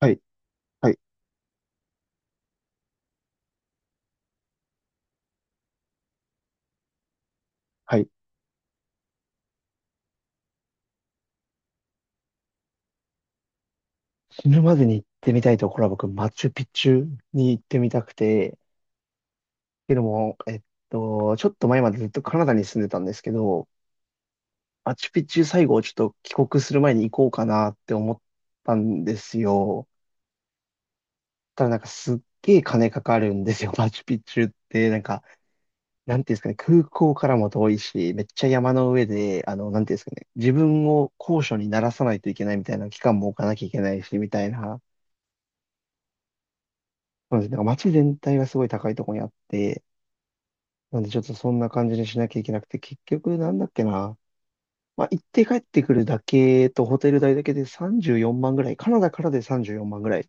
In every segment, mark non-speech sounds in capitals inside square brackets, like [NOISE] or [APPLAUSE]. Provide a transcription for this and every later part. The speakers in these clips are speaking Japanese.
はい、はい、はい。死ぬまでに行ってみたいところは僕、マチュピチュに行ってみたくて、っていうのも、ちょっと前までずっとカナダに住んでたんですけど、マチュピチュ最後ちょっと帰国する前に行こうかなって思ったんですよ。ただなんかすっげえ金かかるんですよ、[LAUGHS] マチュピチュって。なんか、なんていうんですかね、空港からも遠いし、めっちゃ山の上で、なんていうんですかね、自分を高所に慣らさないといけないみたいな期間も置かなきゃいけないし、みたいな。そうですね。なんか街全体がすごい高いところにあって、なんでちょっとそんな感じにしなきゃいけなくて、結局なんだっけな。まあ、行って帰ってくるだけとホテル代だけで34万ぐらい。カナダからで34万ぐらいっ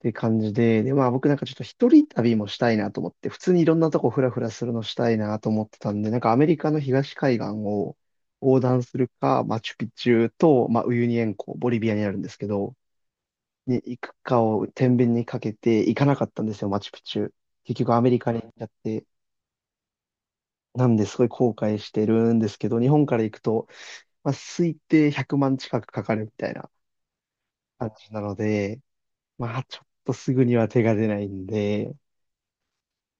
て感じで、で、まあ僕なんかちょっと一人旅もしたいなと思って、普通にいろんなとこフラフラするのしたいなと思ってたんで、なんかアメリカの東海岸を横断するか、マチュピチュと、まあウユニ塩湖、ボリビアにあるんですけど、に行くかを天秤にかけて行かなかったんですよ、マチュピチュ。結局アメリカに行っちゃって、なんですごい後悔してるんですけど、日本から行くと、まあ、推定100万近くかかるみたいな感じなので、まあちょっとすぐには手が出ないんで、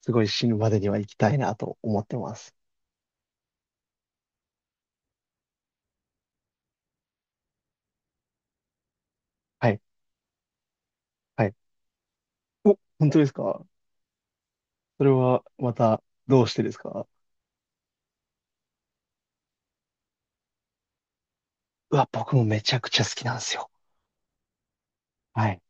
すごい死ぬまでには行きたいなと思ってます。はい、はい。本当ですか？それはまたどうしてですか？うわ、僕もめちゃくちゃ好きなんですよ。はい。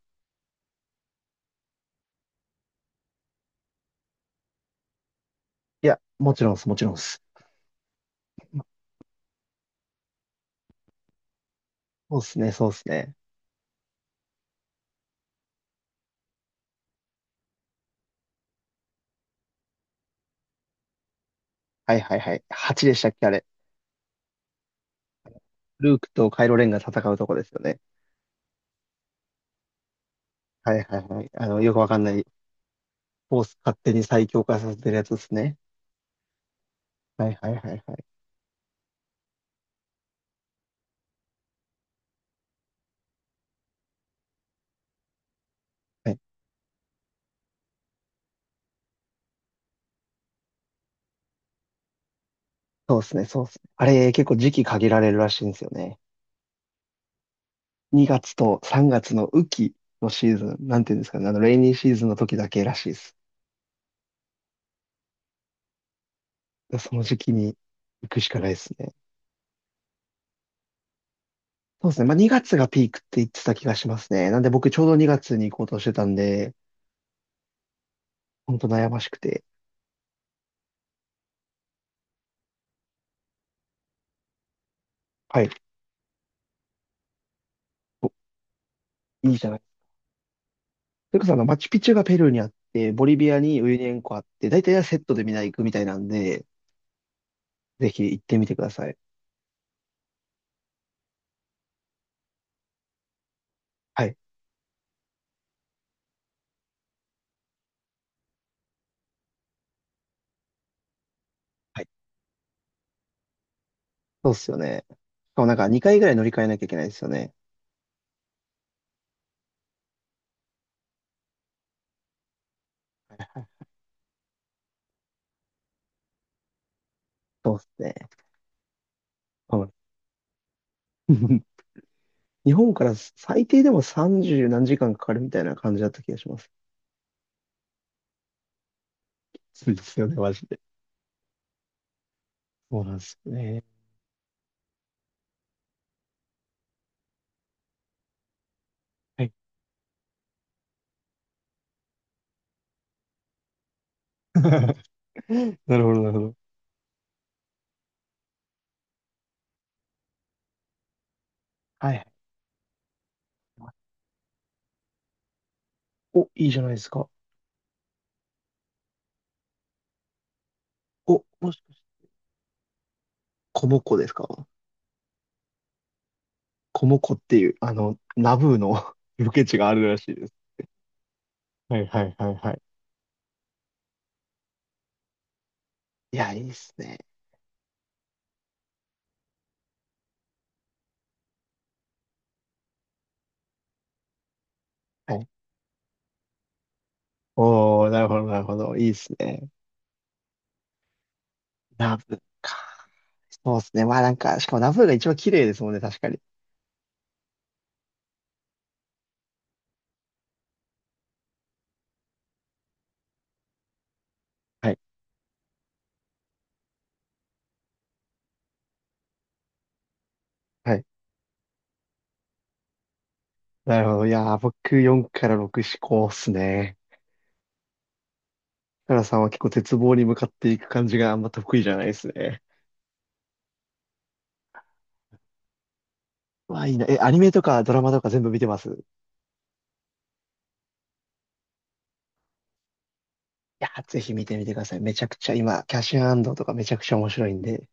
いや、もちろんです、もちろんです。そうですね、そうですね。はいはいはい。8でしたっけ、あれ。ルークとカイロレンが戦うとこですよね。はいはいはい。よくわかんない。フォース勝手に最強化させてるやつですね。はいはいはいはい。はい、そうですね、そうですね。あれ、結構時期限られるらしいんですよね。2月と3月の雨季のシーズン、なんていうんですかね、レイニーシーズンの時だけらしいです。その時期に行くしかないですね。そうですね。まあ、2月がピークって言ってた気がしますね。なんで僕ちょうど2月に行こうとしてたんで、ほんと悩ましくて。はい。お、いいじゃない。それこそマチュピチュがペルーにあって、ボリビアにウユニ塩湖あって、大体はセットでみんな行くみたいなんで、ぜひ行ってみてください。はい。はい。そうっすよね。しかもなんか2回ぐらい乗り換えなきゃいけないですよね。そうっすね。はい。[LAUGHS] 日本から最低でも30何時間かかるみたいな感じだった気がします。そうですよね、マジで。そうなんですよね。はい。[LAUGHS] なるほど、なるほど。はい。お、いいじゃないですか。お、もしかして、コモコですか？コモコっていう、ナブーの [LAUGHS] ロケ地があるらしいです。はいはいはいはい。いや、いいっすね。はい。おー、なるほどなるほど。いいっすね。ナブーか。そうっすね。まあなんか、しかもナブーが一番綺麗ですもんね、確かに。はい。はい。なるほど。いやー、僕4から6志向っすね。カラさんは結構絶望に向かっていく感じがあんま得意じゃないですね。まあいいな。え、アニメとかドラマとか全部見てます？いやー、ぜひ見てみてください。めちゃくちゃ今、キャッシュアンドとかめちゃくちゃ面白いんで。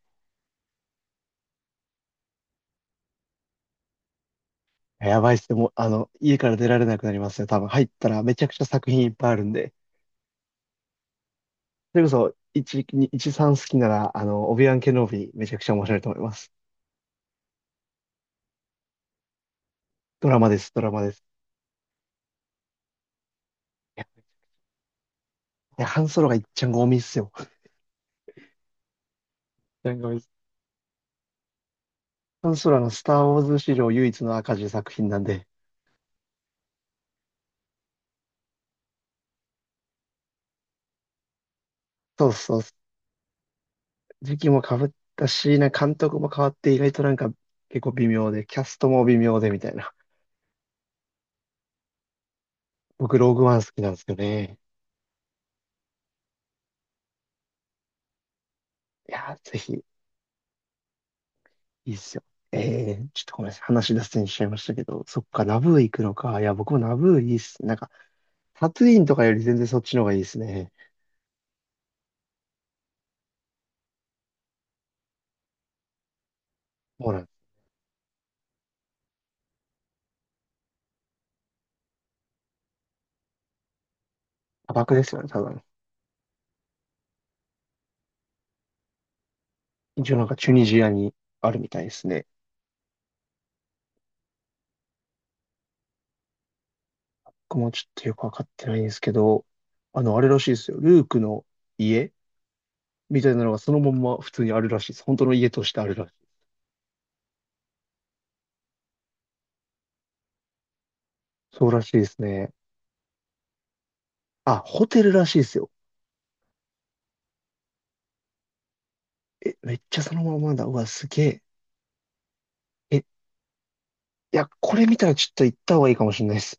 やばいっすね。もう、家から出られなくなりますね。多分入ったらめちゃくちゃ作品いっぱいあるんで。それこそ、1、2 1、3好きなら、オビワン・ケノビー、めちゃくちゃ面白いと思います。ドラマです、ドラマです。いや、いやハンソロがいっちゃんゴミっすよ。なんゴミっすハンソロはスター・ウォーズ史上唯一の赤字作品なんで、そうそうそう、時期も被ったし、なんか監督も変わって、意外となんか、結構微妙で、キャストも微妙で、みたいな。僕、ローグワン好きなんですよね。いやー、ぜひ、いいっすよ。ちょっとごめんなさい。話脱線しちゃいましたけど、そっか、ナブー行くのか。いや、僕もナブーいいっす。なんかタトゥインとかより全然そっちの方がいいですね。もうなんか、砂漠ですよね、多分。一応なんかチュニジアにあるみたいですね。僕もちょっとよくわかってないんですけど、あれらしいですよ。ルークの家みたいなのがそのまんま普通にあるらしいです。本当の家としてあるらしい。そうらしいですね。あ、ホテルらしいですよ。え、めっちゃそのままだ。うわ、すげえ。え、いや、これ見たらちょっと行った方がいいかもしれないです。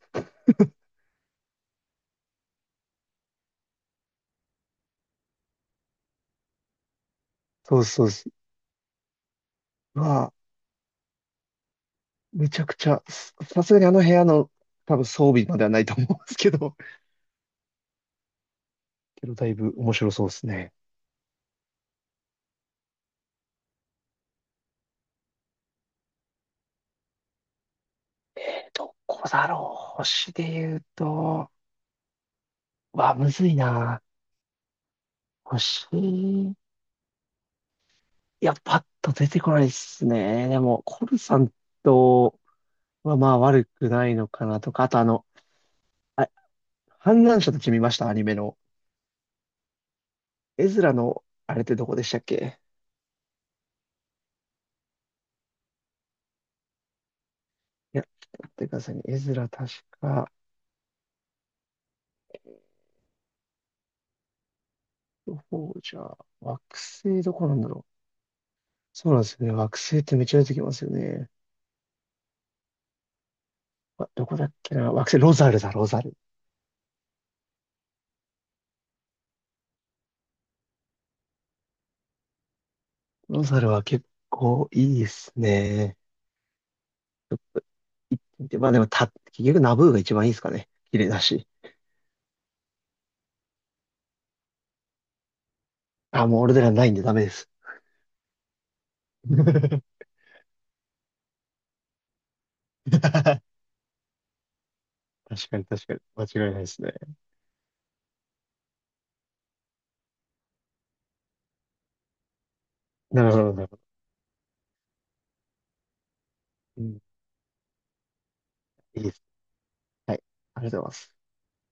そうですそうです。うわ、めちゃくちゃ、ささすがにあの部屋の多分装備まではないと思うんですけど。けど、だいぶ面白そうですね。え、どこだろう。星で言うと、わ、むずいな。星、いや、パッと出てこないですね。でも、コルさんとはまあ悪くないのかなとか、あとあ、反乱者たち見ました、アニメの。エズラの、あれってどこでしたっけ？いや、ちょっと待ってくださいね。エズラ確か、どこじゃ、惑星どこなんだろう。そうなんですよね。惑星ってめっちゃ出てきますよね。あ、どこだっけな。惑星、ロザルだ、ロザル。ロザルは結構いいですね。で、まあでもた、結局ナブーが一番いいですかね。綺麗だし。あ、もう俺はないんでダメです。[LAUGHS] 確かに確かに。間違いないですね。なるほど、なるほど。うん、いいです。はい。ありがとうございます。